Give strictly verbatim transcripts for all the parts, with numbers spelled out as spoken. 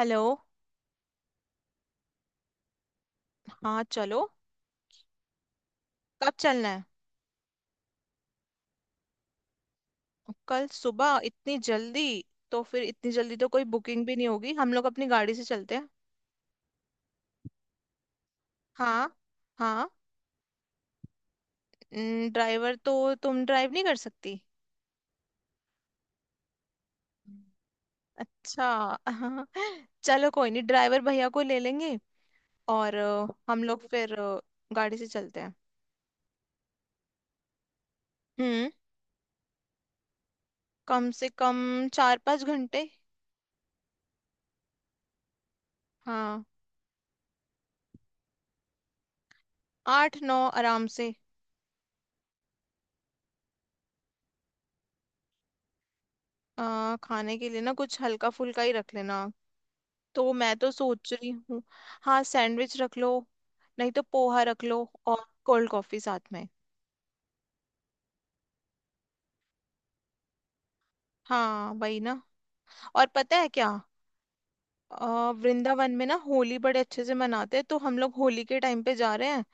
Hello. हाँ चलो। कब चलना है। कल सुबह इतनी जल्दी। तो फिर इतनी जल्दी तो कोई बुकिंग भी नहीं होगी, हम लोग अपनी गाड़ी से चलते हैं। हाँ। हाँ। ड्राइवर तो तुम ड्राइव नहीं कर सकती। अच्छा। हाँ। चलो कोई नहीं, ड्राइवर भैया को ले लेंगे। और अ, हम लोग फिर अ, गाड़ी से चलते हैं। हम्म। कम से कम चार पाँच घंटे। हाँ। आठ नौ आराम से। अ, खाने के लिए ना कुछ हल्का फुल्का ही रख लेना। तो मैं तो सोच रही हूँ। हाँ सैंडविच रख लो। नहीं तो पोहा रख लो और कोल्ड कॉफी साथ में। हाँ वही ना। और पता है क्या। अ, वृंदावन में ना होली बड़े अच्छे से मनाते हैं, तो हम लोग होली के टाइम पे जा रहे हैं।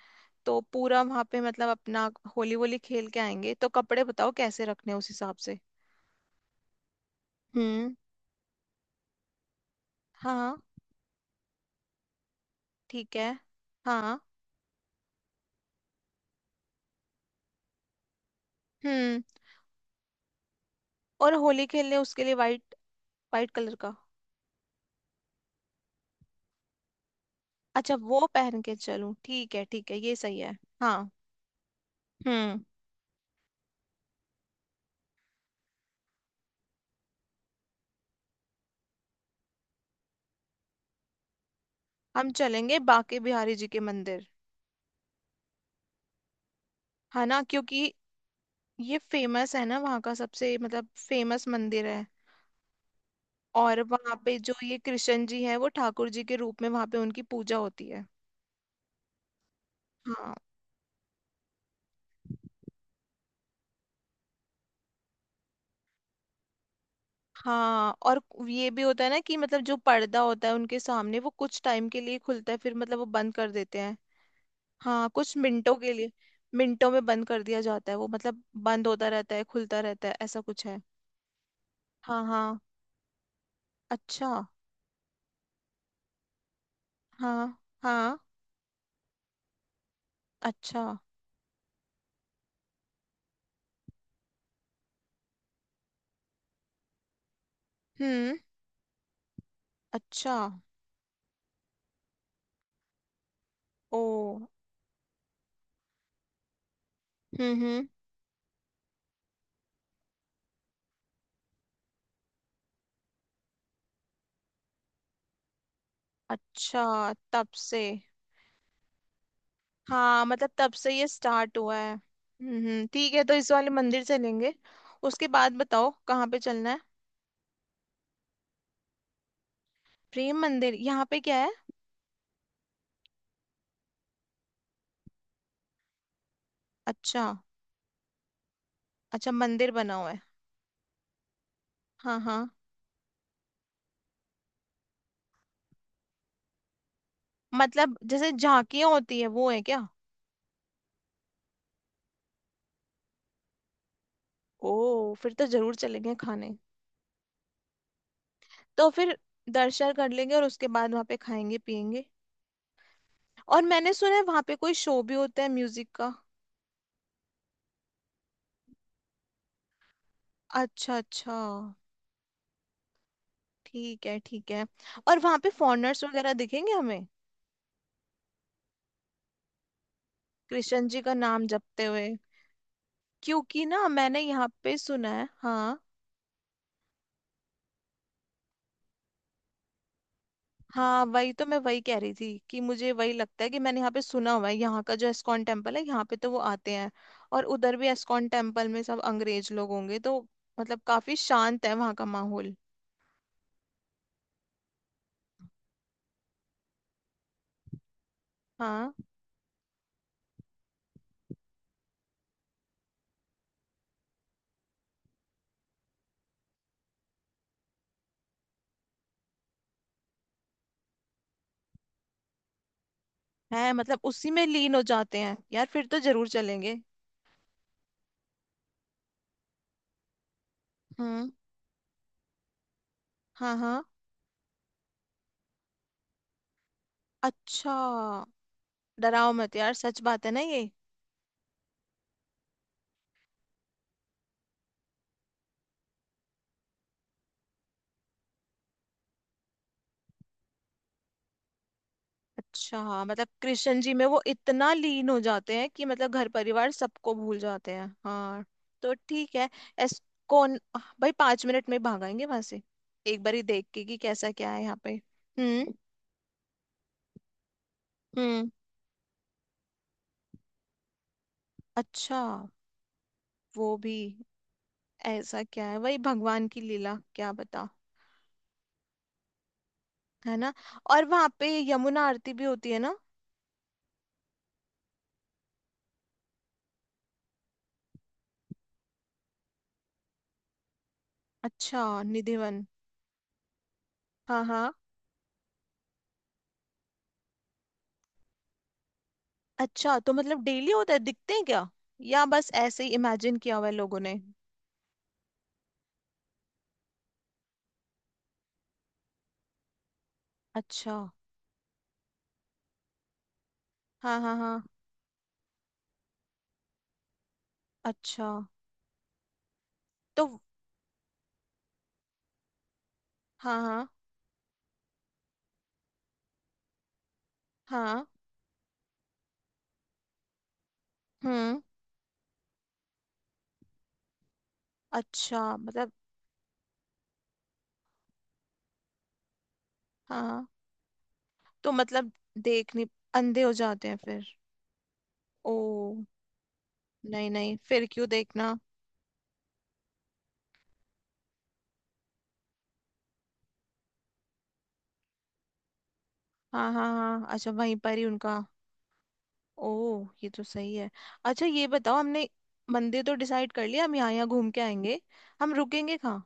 तो पूरा वहां पे मतलब अपना होली वोली खेल के आएंगे, तो कपड़े बताओ कैसे रखने हैं उस हिसाब से। हम्म। हाँ। ठीक है। हाँ। हम्म। और होली खेलने उसके लिए वाइट, वाइट कलर का। अच्छा वो पहन के चलूं, ठीक है ठीक है, ये सही है हाँ। हम्म। हम चलेंगे बांके बिहारी जी के मंदिर। है ना, क्योंकि ये फेमस है ना, वहाँ का सबसे मतलब फेमस मंदिर है। और वहाँ पे जो ये कृष्ण जी है वो ठाकुर जी के रूप में वहाँ पे उनकी पूजा होती है। हाँ। हाँ और ये भी होता है ना कि मतलब जो पर्दा होता है उनके सामने वो कुछ टाइम के लिए खुलता है, फिर मतलब वो बंद कर देते हैं। हाँ कुछ मिनटों के लिए। मिनटों में बंद कर दिया जाता है, वो मतलब बंद होता रहता है खुलता रहता है, ऐसा कुछ है। हाँ हाँ। अच्छा। हाँ हाँ। अच्छा। हम्म। अच्छा। ओ। हम्म हम्म। अच्छा तब से। हाँ मतलब तब से ये स्टार्ट हुआ है, हम्म हम्म, ठीक है तो इस वाले मंदिर चलेंगे। उसके बाद बताओ कहाँ पे चलना है। प्रेम मंदिर यहाँ पे क्या है। अच्छा। अच्छा मंदिर बना हुआ है। हाँ हाँ। मतलब जैसे झांकियाँ होती है वो है क्या। ओ फिर तो जरूर चलेंगे खाने। तो फिर दर्शन कर लेंगे और उसके बाद वहाँ पे खाएंगे पियेंगे। और मैंने सुना है वहाँ पे कोई शो भी होता है म्यूजिक का। अच्छा अच्छा। ठीक है ठीक है। और वहां पे फॉरेनर्स वगैरह दिखेंगे हमें, कृष्ण जी का नाम जपते हुए, क्योंकि ना मैंने यहाँ पे सुना है हाँ। हाँ वही तो मैं वही कह रही थी कि मुझे वही लगता है कि मैंने यहाँ पे सुना हुआ है, यहाँ का जो एस्कॉन टेम्पल है यहाँ पे तो वो आते हैं। और उधर भी एस्कॉन टेम्पल में सब अंग्रेज लोग होंगे तो मतलब काफी शांत है वहाँ का माहौल। हाँ। है मतलब उसी में लीन हो जाते हैं, यार फिर तो जरूर चलेंगे। हम्म। हाँ हाँ। अच्छा। डराओ मत यार, सच बात है ना ये। अच्छा हाँ, मतलब कृष्ण जी में वो इतना लीन हो जाते हैं कि मतलब घर परिवार सबको भूल जाते हैं हाँ। तो ठीक है। एस कौन। भाई पांच मिनट में भागाएंगे वहां से। एक बार ही देख के कि कैसा क्या है यहाँ पे। हम्म हम्म। अच्छा। वो भी। ऐसा क्या है वही भगवान की लीला क्या बता। है ना। और वहां पे यमुना आरती भी होती है ना। अच्छा। निधिवन हाँ हाँ। अच्छा तो मतलब डेली होता है दिखते हैं क्या, या बस ऐसे ही इमेजिन किया हुआ है लोगों ने। अच्छा। हाँ हाँ हाँ। अच्छा। तो हाँ हाँ हाँ। हम्म। अच्छा मतलब। हाँ हाँ। तो मतलब देखने। अंधे हो जाते हैं फिर। ओ। नहीं नहीं फिर क्यों देखना। हाँ हाँ हाँ। अच्छा वहीं पर ही उनका। ओ ये तो सही है। अच्छा ये बताओ हमने मंदिर तो डिसाइड कर लिया, हम यहाँ यहाँ घूम के आएंगे, हम रुकेंगे कहाँ।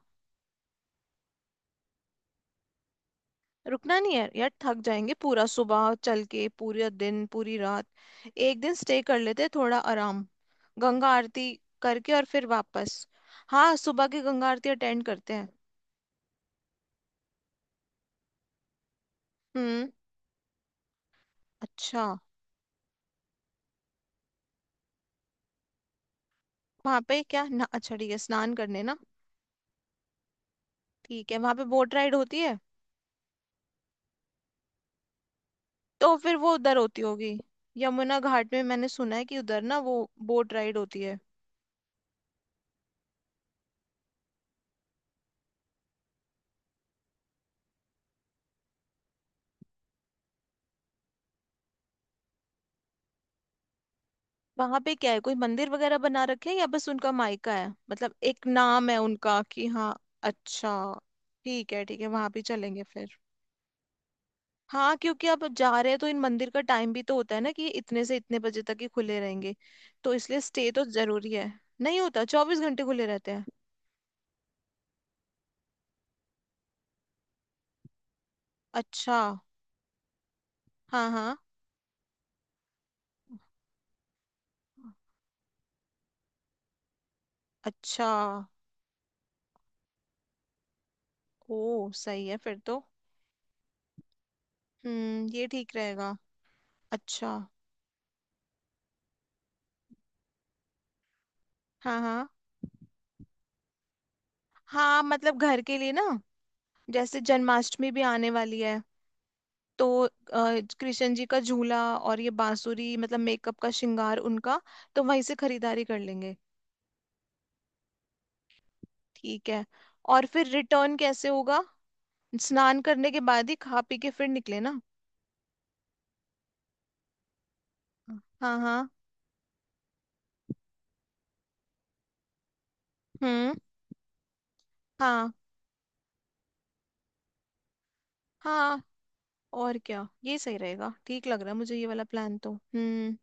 रुकना नहीं है यार, थक जाएंगे पूरा सुबह चल के पूरा दिन पूरी रात। एक दिन स्टे कर लेते थोड़ा आराम गंगा आरती करके और फिर वापस। हाँ सुबह की गंगा आरती अटेंड करते हैं। हम्म। अच्छा। वहां पे क्या ना, अच्छा ठीक है स्नान करने ना। ठीक है, वहां पे बोट राइड होती है। तो फिर वो उधर होती होगी। यमुना घाट में मैंने सुना है कि उधर ना वो बोट राइड होती है। वहां पे क्या है, कोई मंदिर वगैरह बना रखे हैं या बस उनका मायका है, मतलब एक नाम है उनका कि हाँ। अच्छा। ठीक है ठीक है वहां भी चलेंगे फिर। हाँ क्योंकि अब जा रहे हैं तो इन मंदिर का टाइम भी तो होता है ना कि इतने से इतने बजे तक ही खुले रहेंगे, तो इसलिए स्टे तो जरूरी है। नहीं होता, चौबीस घंटे खुले रहते हैं। अच्छा। हाँ हाँ। अच्छा। ओ सही है फिर तो। हम्म ये ठीक रहेगा। अच्छा। हाँ। हाँ हाँ मतलब घर के लिए ना। जैसे जन्माष्टमी भी आने वाली है, तो अ, कृष्ण जी का झूला और ये बांसुरी, मतलब मेकअप का श्रृंगार उनका, तो वहीं से खरीदारी कर लेंगे। ठीक है। और फिर रिटर्न कैसे होगा, स्नान करने के बाद ही खा पी के फिर निकले ना। हाँ। हाँ। हम्म। हाँ। हाँ और क्या, ये सही रहेगा ठीक लग रहा है मुझे ये वाला प्लान तो। हम्म।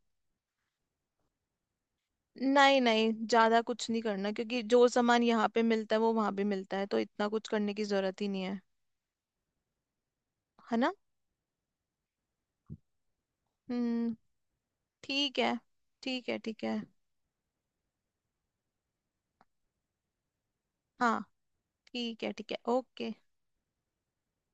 नहीं नहीं ज्यादा कुछ नहीं करना, क्योंकि जो सामान यहाँ पे मिलता है वो वहां भी मिलता है, तो इतना कुछ करने की जरूरत ही नहीं है। है ना। हम्म। ठीक है ठीक है ठीक है। हाँ ठीक है ठीक है ओके।